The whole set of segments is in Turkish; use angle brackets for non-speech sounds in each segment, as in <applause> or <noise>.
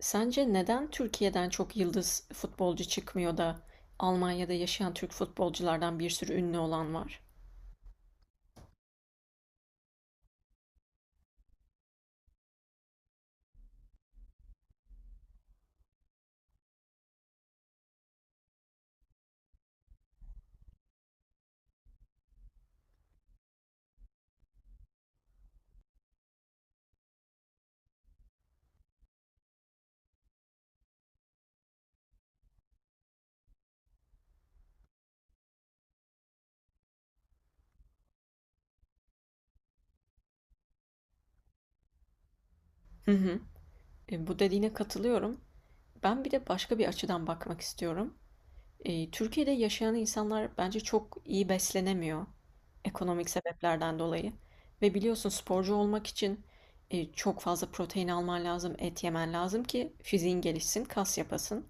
Sence neden Türkiye'den çok yıldız futbolcu çıkmıyor da Almanya'da yaşayan Türk futbolculardan bir sürü ünlü olan var? Hı hı. Bu dediğine katılıyorum. Ben bir de başka bir açıdan bakmak istiyorum. Türkiye'de yaşayan insanlar bence çok iyi beslenemiyor ekonomik sebeplerden dolayı. Ve biliyorsun sporcu olmak için çok fazla protein alman lazım, et yemen lazım ki fiziğin gelişsin, kas yapasın.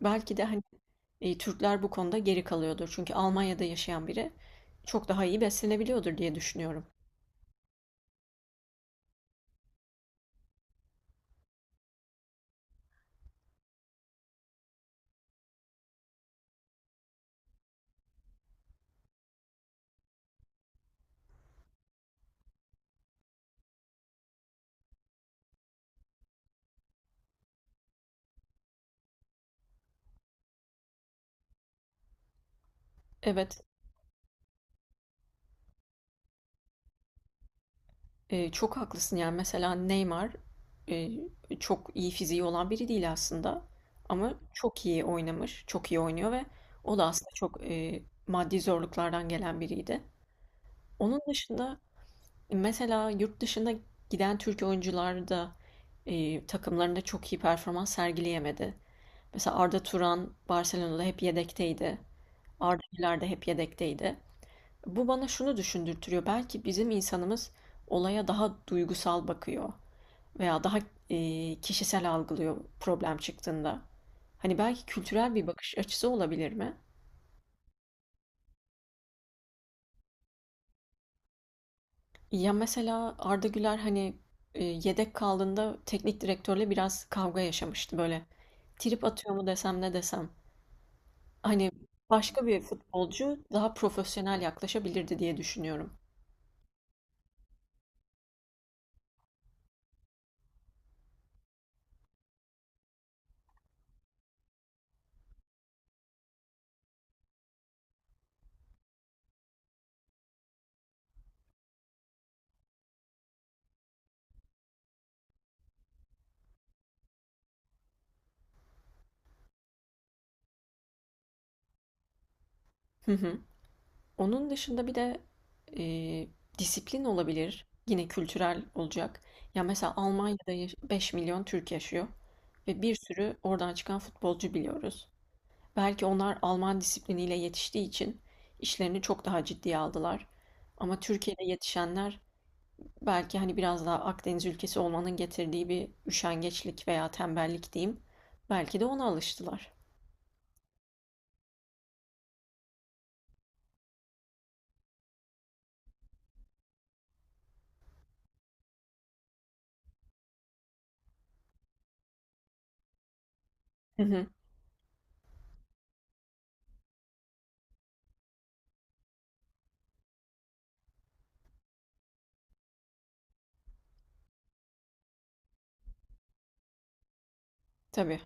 Belki de Türkler bu konuda geri kalıyordur. Çünkü Almanya'da yaşayan biri çok daha iyi beslenebiliyordur diye düşünüyorum. Evet, çok haklısın yani. Mesela Neymar e, çok iyi fiziği olan biri değil aslında. Ama çok iyi oynamış, çok iyi oynuyor ve o da aslında çok maddi zorluklardan gelen biriydi. Onun dışında mesela yurt dışına giden Türk oyuncular da takımlarında çok iyi performans sergileyemedi. Mesela Arda Turan Barcelona'da hep yedekteydi. Arda'lar da hep yedekteydi. Bu bana şunu düşündürtüyor. Belki bizim insanımız olaya daha duygusal bakıyor veya daha kişisel algılıyor problem çıktığında. Hani belki kültürel bir bakış açısı olabilir mi? Ya mesela Arda Güler hani yedek kaldığında teknik direktörle biraz kavga yaşamıştı böyle. Trip atıyor mu desem ne desem. Hani başka bir futbolcu daha profesyonel yaklaşabilirdi diye düşünüyorum. <laughs> Onun dışında bir de e, disiplin olabilir. Yine kültürel olacak. Ya mesela 5 milyon Türk yaşıyor ve bir sürü oradan çıkan futbolcu biliyoruz. Belki onlar Alman disipliniyle yetiştiği için işlerini çok daha ciddiye aldılar. Ama Türkiye'de yetişenler belki hani biraz daha Akdeniz ülkesi olmanın getirdiği bir üşengeçlik veya tembellik diyeyim. Belki de ona alıştılar. Hı hı, tabii.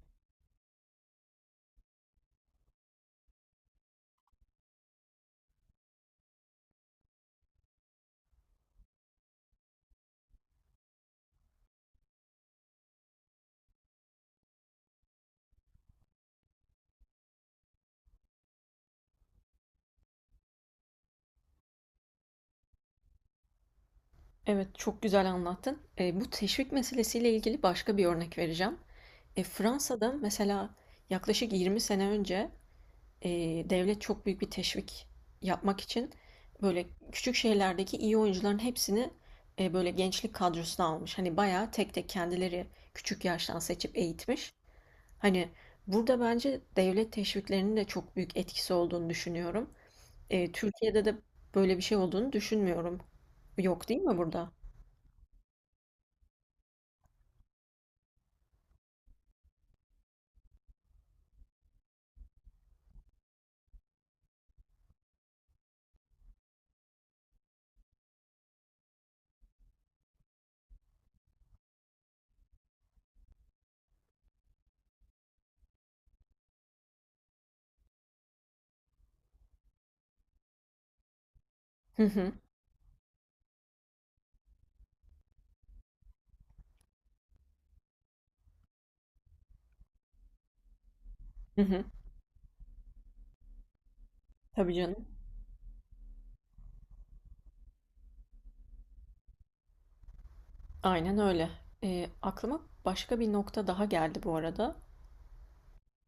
Evet, çok güzel anlattın. Bu teşvik meselesiyle ilgili başka bir örnek vereceğim. Fransa'da mesela yaklaşık 20 sene önce e, devlet çok büyük bir teşvik yapmak için böyle küçük şehirlerdeki iyi oyuncuların hepsini böyle gençlik kadrosuna almış. Hani bayağı tek tek kendileri küçük yaştan seçip eğitmiş. Hani burada bence devlet teşviklerinin de çok büyük etkisi olduğunu düşünüyorum. Türkiye'de de böyle bir şey olduğunu düşünmüyorum. Yok değil mi burada? <laughs> Hı hı. Tabii canım. Aynen öyle. Aklıma başka bir nokta daha geldi bu arada.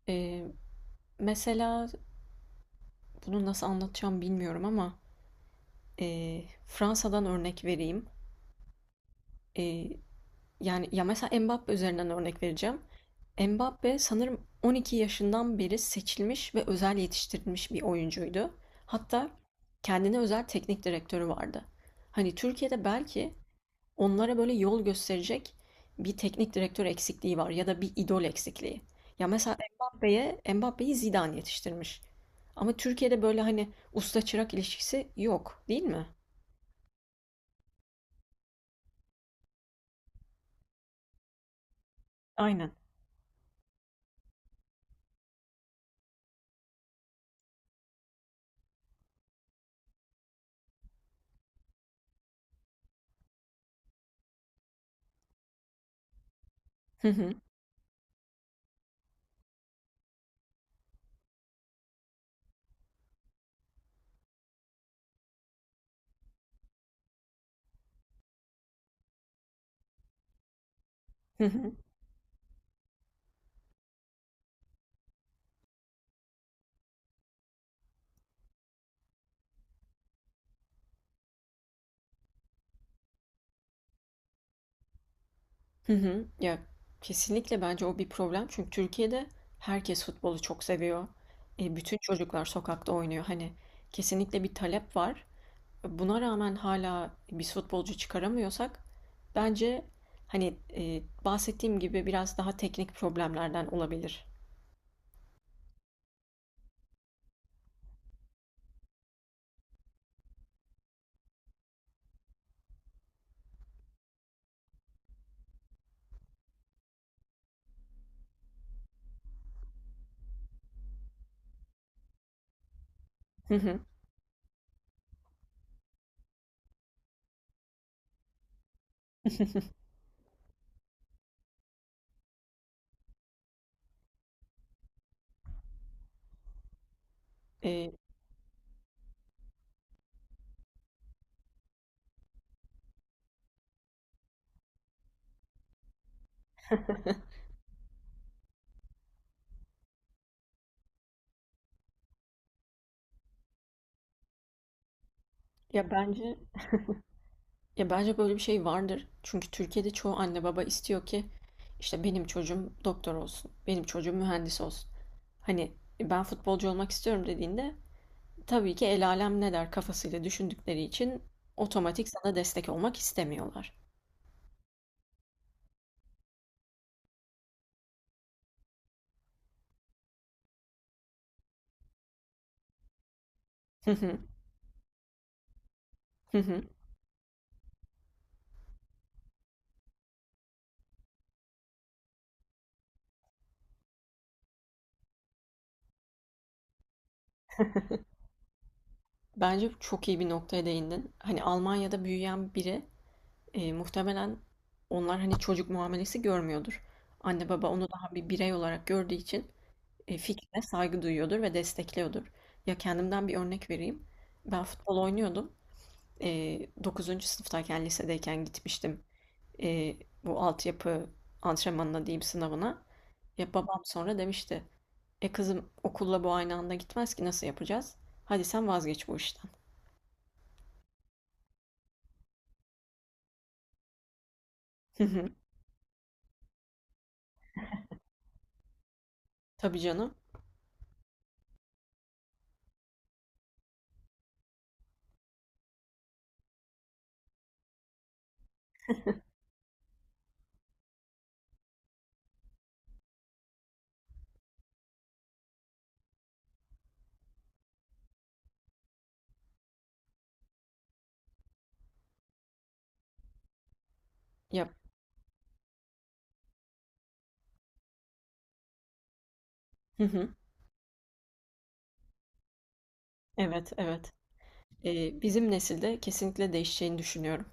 Ee, Mesela bunu nasıl anlatacağım bilmiyorum ama Fransa'dan örnek vereyim. Ee, Yani ya mesela Mbappe üzerinden örnek vereceğim. Mbappe sanırım 12 yaşından beri seçilmiş ve özel yetiştirilmiş bir oyuncuydu. Hatta kendine özel teknik direktörü vardı. Hani Türkiye'de belki onlara böyle yol gösterecek bir teknik direktör eksikliği var ya da bir idol eksikliği. Ya mesela Mbappe'yi Zidane yetiştirmiş. Ama Türkiye'de böyle hani usta çırak ilişkisi yok, değil mi? Aynen. Hı hı. Hı hı. Hı hı. Ya kesinlikle bence o bir problem. Çünkü Türkiye'de herkes futbolu çok seviyor. Bütün çocuklar sokakta oynuyor. Hani kesinlikle bir talep var. Buna rağmen hala bir futbolcu çıkaramıyorsak bence hani bahsettiğim gibi biraz daha teknik problemlerden olabilir. Hı hı. <laughs> E, ya bence ya bence böyle bir şey vardır. Çünkü Türkiye'de çoğu anne baba istiyor ki işte benim çocuğum doktor olsun, benim çocuğum mühendis olsun. Hani "E, ben futbolcu olmak istiyorum" dediğinde tabii ki el alem ne der kafasıyla düşündükleri için otomatik sana destek olmak istemiyorlar. <laughs> Bence çok iyi bir noktaya değindin. Hani Almanya'da büyüyen biri muhtemelen onlar hani çocuk muamelesi görmüyordur. Anne baba onu daha bir birey olarak gördüğü için fikrine saygı duyuyordur ve destekliyordur. Ya kendimden bir örnek vereyim. Ben futbol oynuyordum. E, 9. sınıftayken lisedeyken gitmiştim. E, bu altyapı antrenmanına diyeyim sınavına. Ya babam sonra demişti. E kızım, okulla bu aynı anda gitmez ki, nasıl yapacağız? Hadi sen vazgeç bu işten. <laughs> Tabii canım. Yap. Hı hı. Evet, evet. Bizim nesilde kesinlikle değişeceğini düşünüyorum.